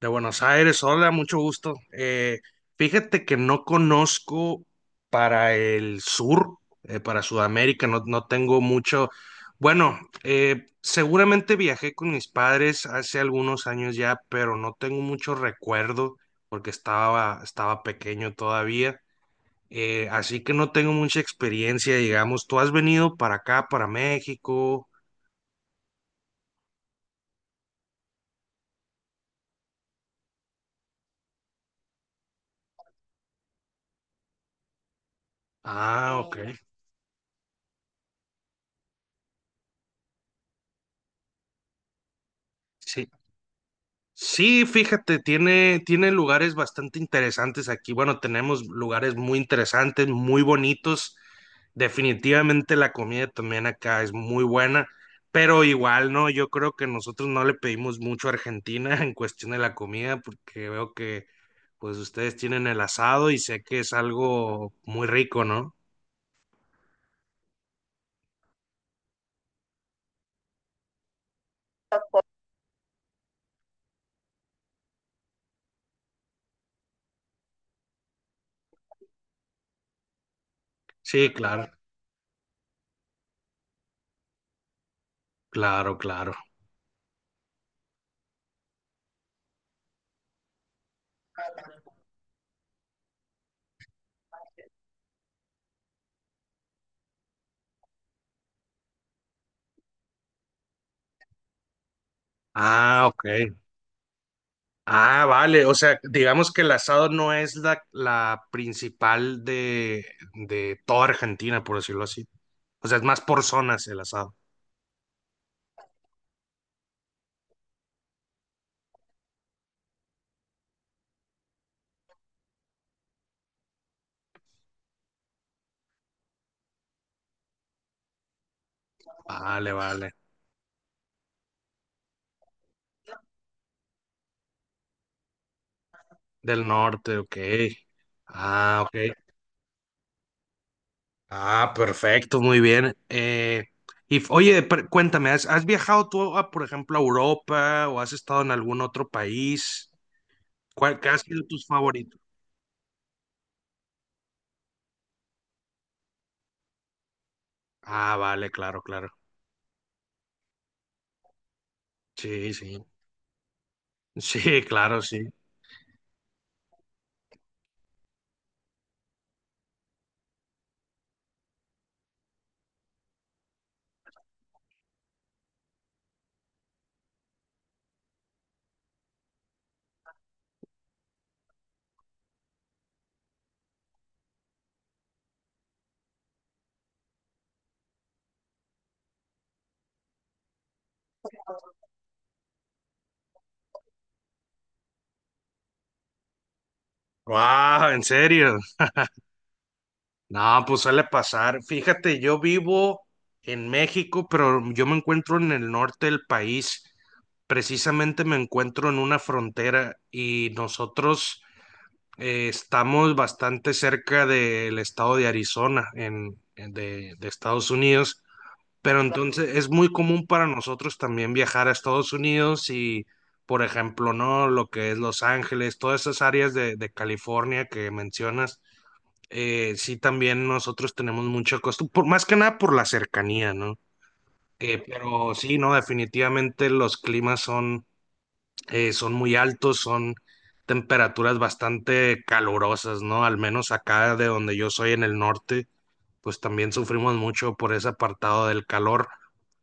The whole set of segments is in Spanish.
De Buenos Aires, hola, mucho gusto. Fíjate que no conozco para el sur, para Sudamérica, no, no tengo mucho. Bueno, seguramente viajé con mis padres hace algunos años ya, pero no tengo mucho recuerdo porque estaba pequeño todavía. Así que no tengo mucha experiencia, digamos. ¿Tú has venido para acá, para México? Ah, ok. No, sí, sí, fíjate, tiene lugares bastante interesantes aquí. Bueno, tenemos lugares muy interesantes, muy bonitos. Definitivamente la comida también acá es muy buena, pero igual, ¿no? Yo creo que nosotros no le pedimos mucho a Argentina en cuestión de la comida, porque veo que pues ustedes tienen el asado y sé que es algo muy rico, ¿no? Sí, claro, claro, claro. Ah, ok. Ah, vale, o sea, digamos que el asado no es la principal de toda Argentina, por decirlo así. O sea, es más por zonas el asado. Vale, vale. Del norte, ok. Ah, ok. Ah, perfecto, muy bien. Oye, cuéntame, has viajado tú, a, por ejemplo, a Europa o has estado en algún otro país? ¿Cuál, qué has sido tus favoritos? Ah, vale, claro, claro. Sí, sí. Sí, claro, sí. Wow, ¿en serio? No, pues suele pasar. Fíjate, yo vivo en México, pero yo me encuentro en el norte del país. Precisamente me encuentro en una frontera y nosotros estamos bastante cerca del estado de Arizona, de Estados Unidos. Pero entonces es muy común para nosotros también viajar a Estados Unidos y, por ejemplo, ¿no? Lo que es Los Ángeles, todas esas áreas de California que mencionas, sí, también nosotros tenemos mucho costo, por, más que nada por la cercanía, ¿no? Pero sí, no, definitivamente los climas son, son muy altos, son temperaturas bastante calurosas, ¿no? Al menos acá de donde yo soy en el norte, pues también sufrimos mucho por ese apartado del calor.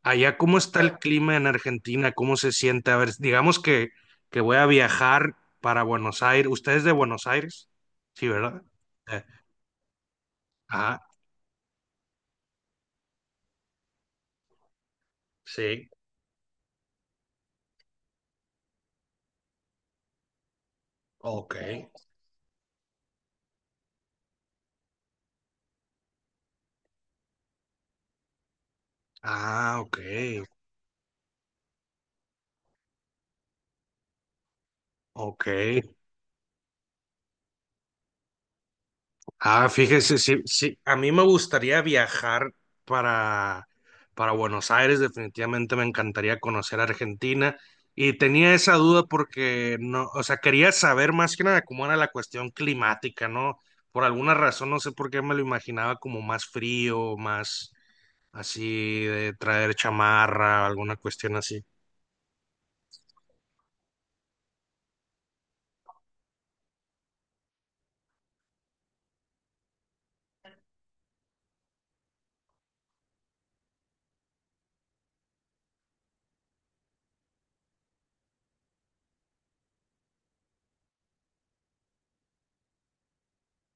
Allá, ¿cómo está el clima en Argentina? ¿Cómo se siente? A ver, digamos que, voy a viajar para Buenos Aires. ¿Usted es de Buenos Aires? Sí, ¿verdad? Eh, ajá, sí. Ok. Ah, ok. Ok. Ah, fíjese, sí, sí. A mí me gustaría viajar para, para Buenos Aires. Definitivamente me encantaría conocer Argentina. Y tenía esa duda porque no, o sea, quería saber más que nada cómo era la cuestión climática, ¿no? Por alguna razón, no sé por qué me lo imaginaba como más frío, más así de traer chamarra, alguna cuestión así.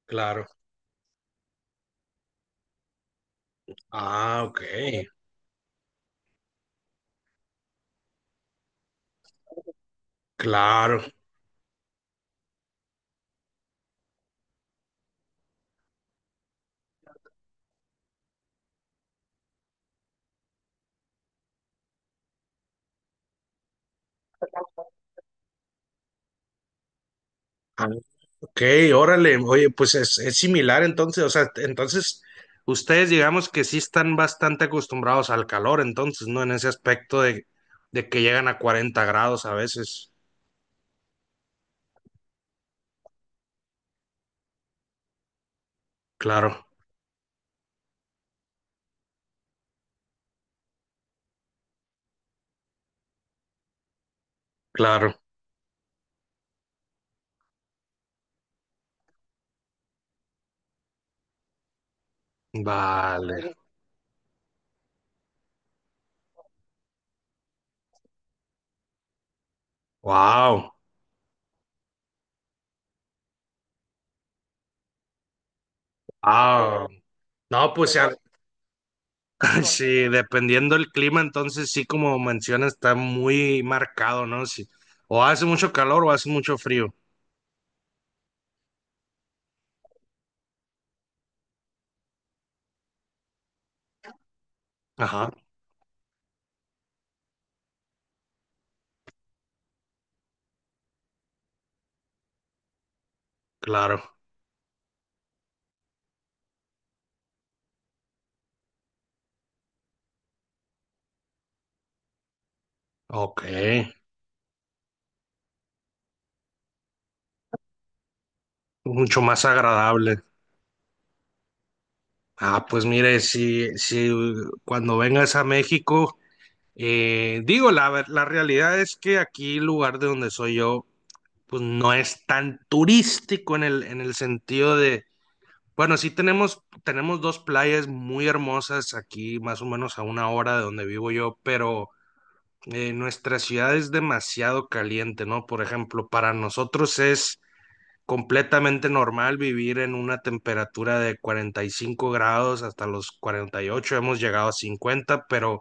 Claro. Ah, ok. Claro. Ok, órale, oye, pues es similar entonces, o sea, entonces ustedes digamos que sí están bastante acostumbrados al calor, entonces, ¿no? En ese aspecto de, que llegan a 40 grados a veces. Claro, claro. Vale. Wow. Wow. No, pues sí, dependiendo del clima, entonces sí, como mencionas, está muy marcado, ¿no? Sí. O hace mucho calor o hace mucho frío. Ajá, claro. Ok. Mucho más agradable. Ah, pues mire, si cuando vengas a México, digo, la realidad es que aquí el lugar de donde soy yo pues no es tan turístico en en el sentido de, bueno, sí tenemos dos playas muy hermosas aquí, más o menos a una hora de donde vivo yo, pero nuestra ciudad es demasiado caliente, ¿no? Por ejemplo, para nosotros es completamente normal vivir en una temperatura de 45 grados hasta los 48, hemos llegado a 50, pero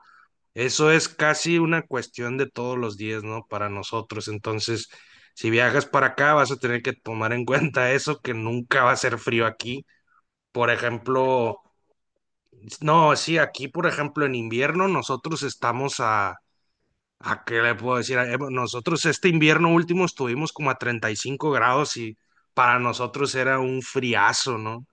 eso es casi una cuestión de todos los días, ¿no? Para nosotros. Entonces, si viajas para acá, vas a tener que tomar en cuenta eso, que nunca va a ser frío aquí. Por ejemplo, no, sí, aquí, por ejemplo, en invierno nosotros estamos a... ¿a qué le puedo decir? Bueno, nosotros este invierno último estuvimos como a 35 grados y para nosotros era un friazo, ¿no?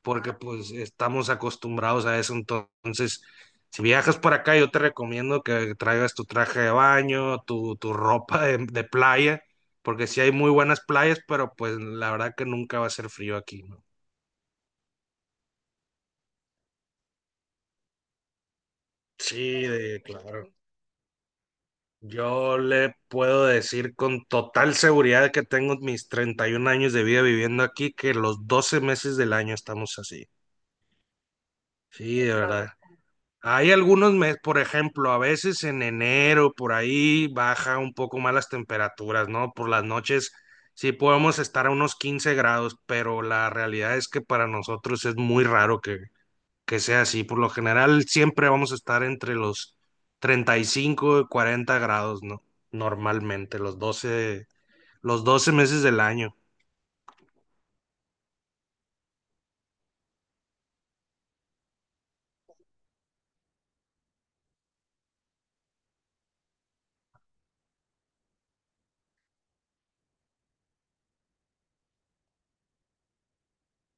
Porque pues estamos acostumbrados a eso. Entonces, si viajas por acá, yo te recomiendo que traigas tu traje de baño, tu ropa de playa, porque sí hay muy buenas playas, pero pues la verdad que nunca va a ser frío aquí, ¿no? Sí, claro. Yo le puedo decir con total seguridad que tengo mis 31 años de vida viviendo aquí, que los 12 meses del año estamos así. Sí, de verdad. Hay algunos meses, por ejemplo, a veces en enero, por ahí baja un poco más las temperaturas, ¿no? Por las noches sí podemos estar a unos 15 grados, pero la realidad es que para nosotros es muy raro que sea así. Por lo general, siempre vamos a estar entre los 35 y 40 grados, ¿no? Normalmente, los 12 meses del año.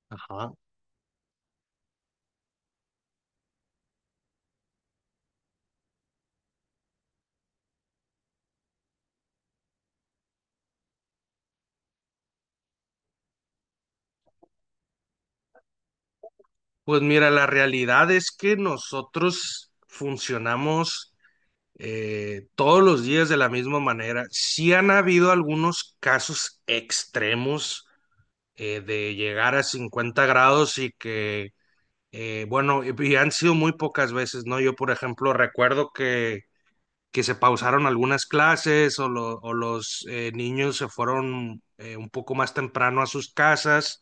Ajá. Pues mira, la realidad es que nosotros funcionamos, todos los días, de la misma manera. Sí han habido algunos casos extremos, de llegar a 50 grados, y que, bueno, y han sido muy pocas veces, ¿no? Yo, por ejemplo, recuerdo que se pausaron algunas clases, o, o los, niños se fueron, un poco más temprano a sus casas,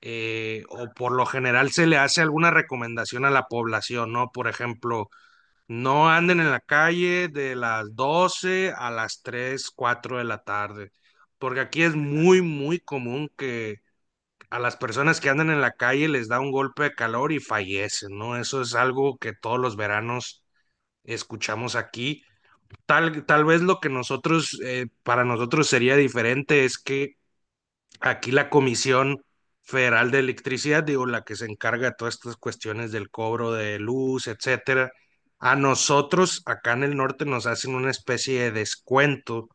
o por lo general se le hace alguna recomendación a la población, ¿no? Por ejemplo, no anden en la calle de las 12 a las 3 4 de la tarde, porque aquí es muy, muy común que a las personas que andan en la calle les da un golpe de calor y fallecen, ¿no? Eso es algo que todos los veranos escuchamos aquí. Tal vez lo que nosotros, para nosotros sería diferente es que aquí la Comisión Federal de Electricidad, digo, la que se encarga de todas estas cuestiones del cobro de luz, etcétera, a nosotros acá en el norte nos hacen una especie de descuento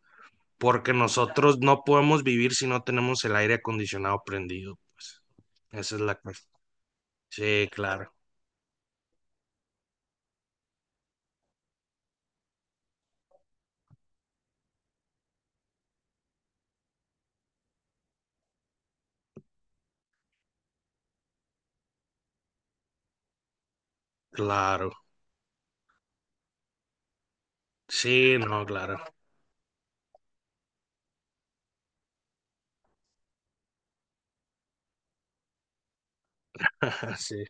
porque nosotros no podemos vivir si no tenemos el aire acondicionado prendido, pues. Esa es la cuestión. Sí, claro, claro. Sí, no, claro. Sí.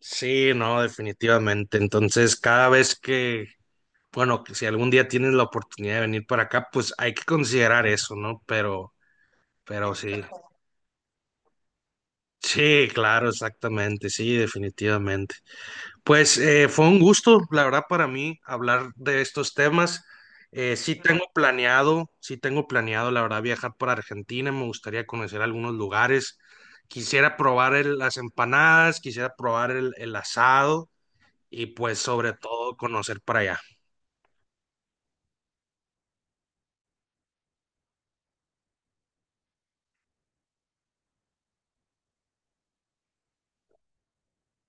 Sí, no, definitivamente. Entonces, cada vez que, bueno, que si algún día tienes la oportunidad de venir para acá, pues hay que considerar eso, ¿no? Pero sí. Sí, claro, exactamente, sí, definitivamente. Pues, fue un gusto, la verdad, para mí hablar de estos temas. Sí tengo planeado, sí tengo planeado, la verdad, viajar para Argentina. Me gustaría conocer algunos lugares. Quisiera probar las empanadas, quisiera probar el asado y pues sobre todo conocer para allá.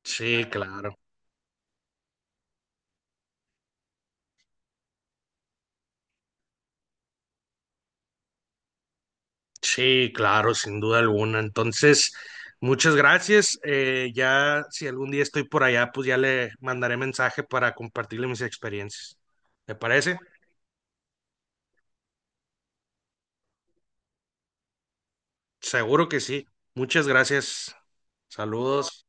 Sí, claro. Sí, claro, sin duda alguna. Entonces, muchas gracias. Ya si algún día estoy por allá, pues ya le mandaré mensaje para compartirle mis experiencias. ¿Me parece? Seguro que sí. Muchas gracias. Saludos.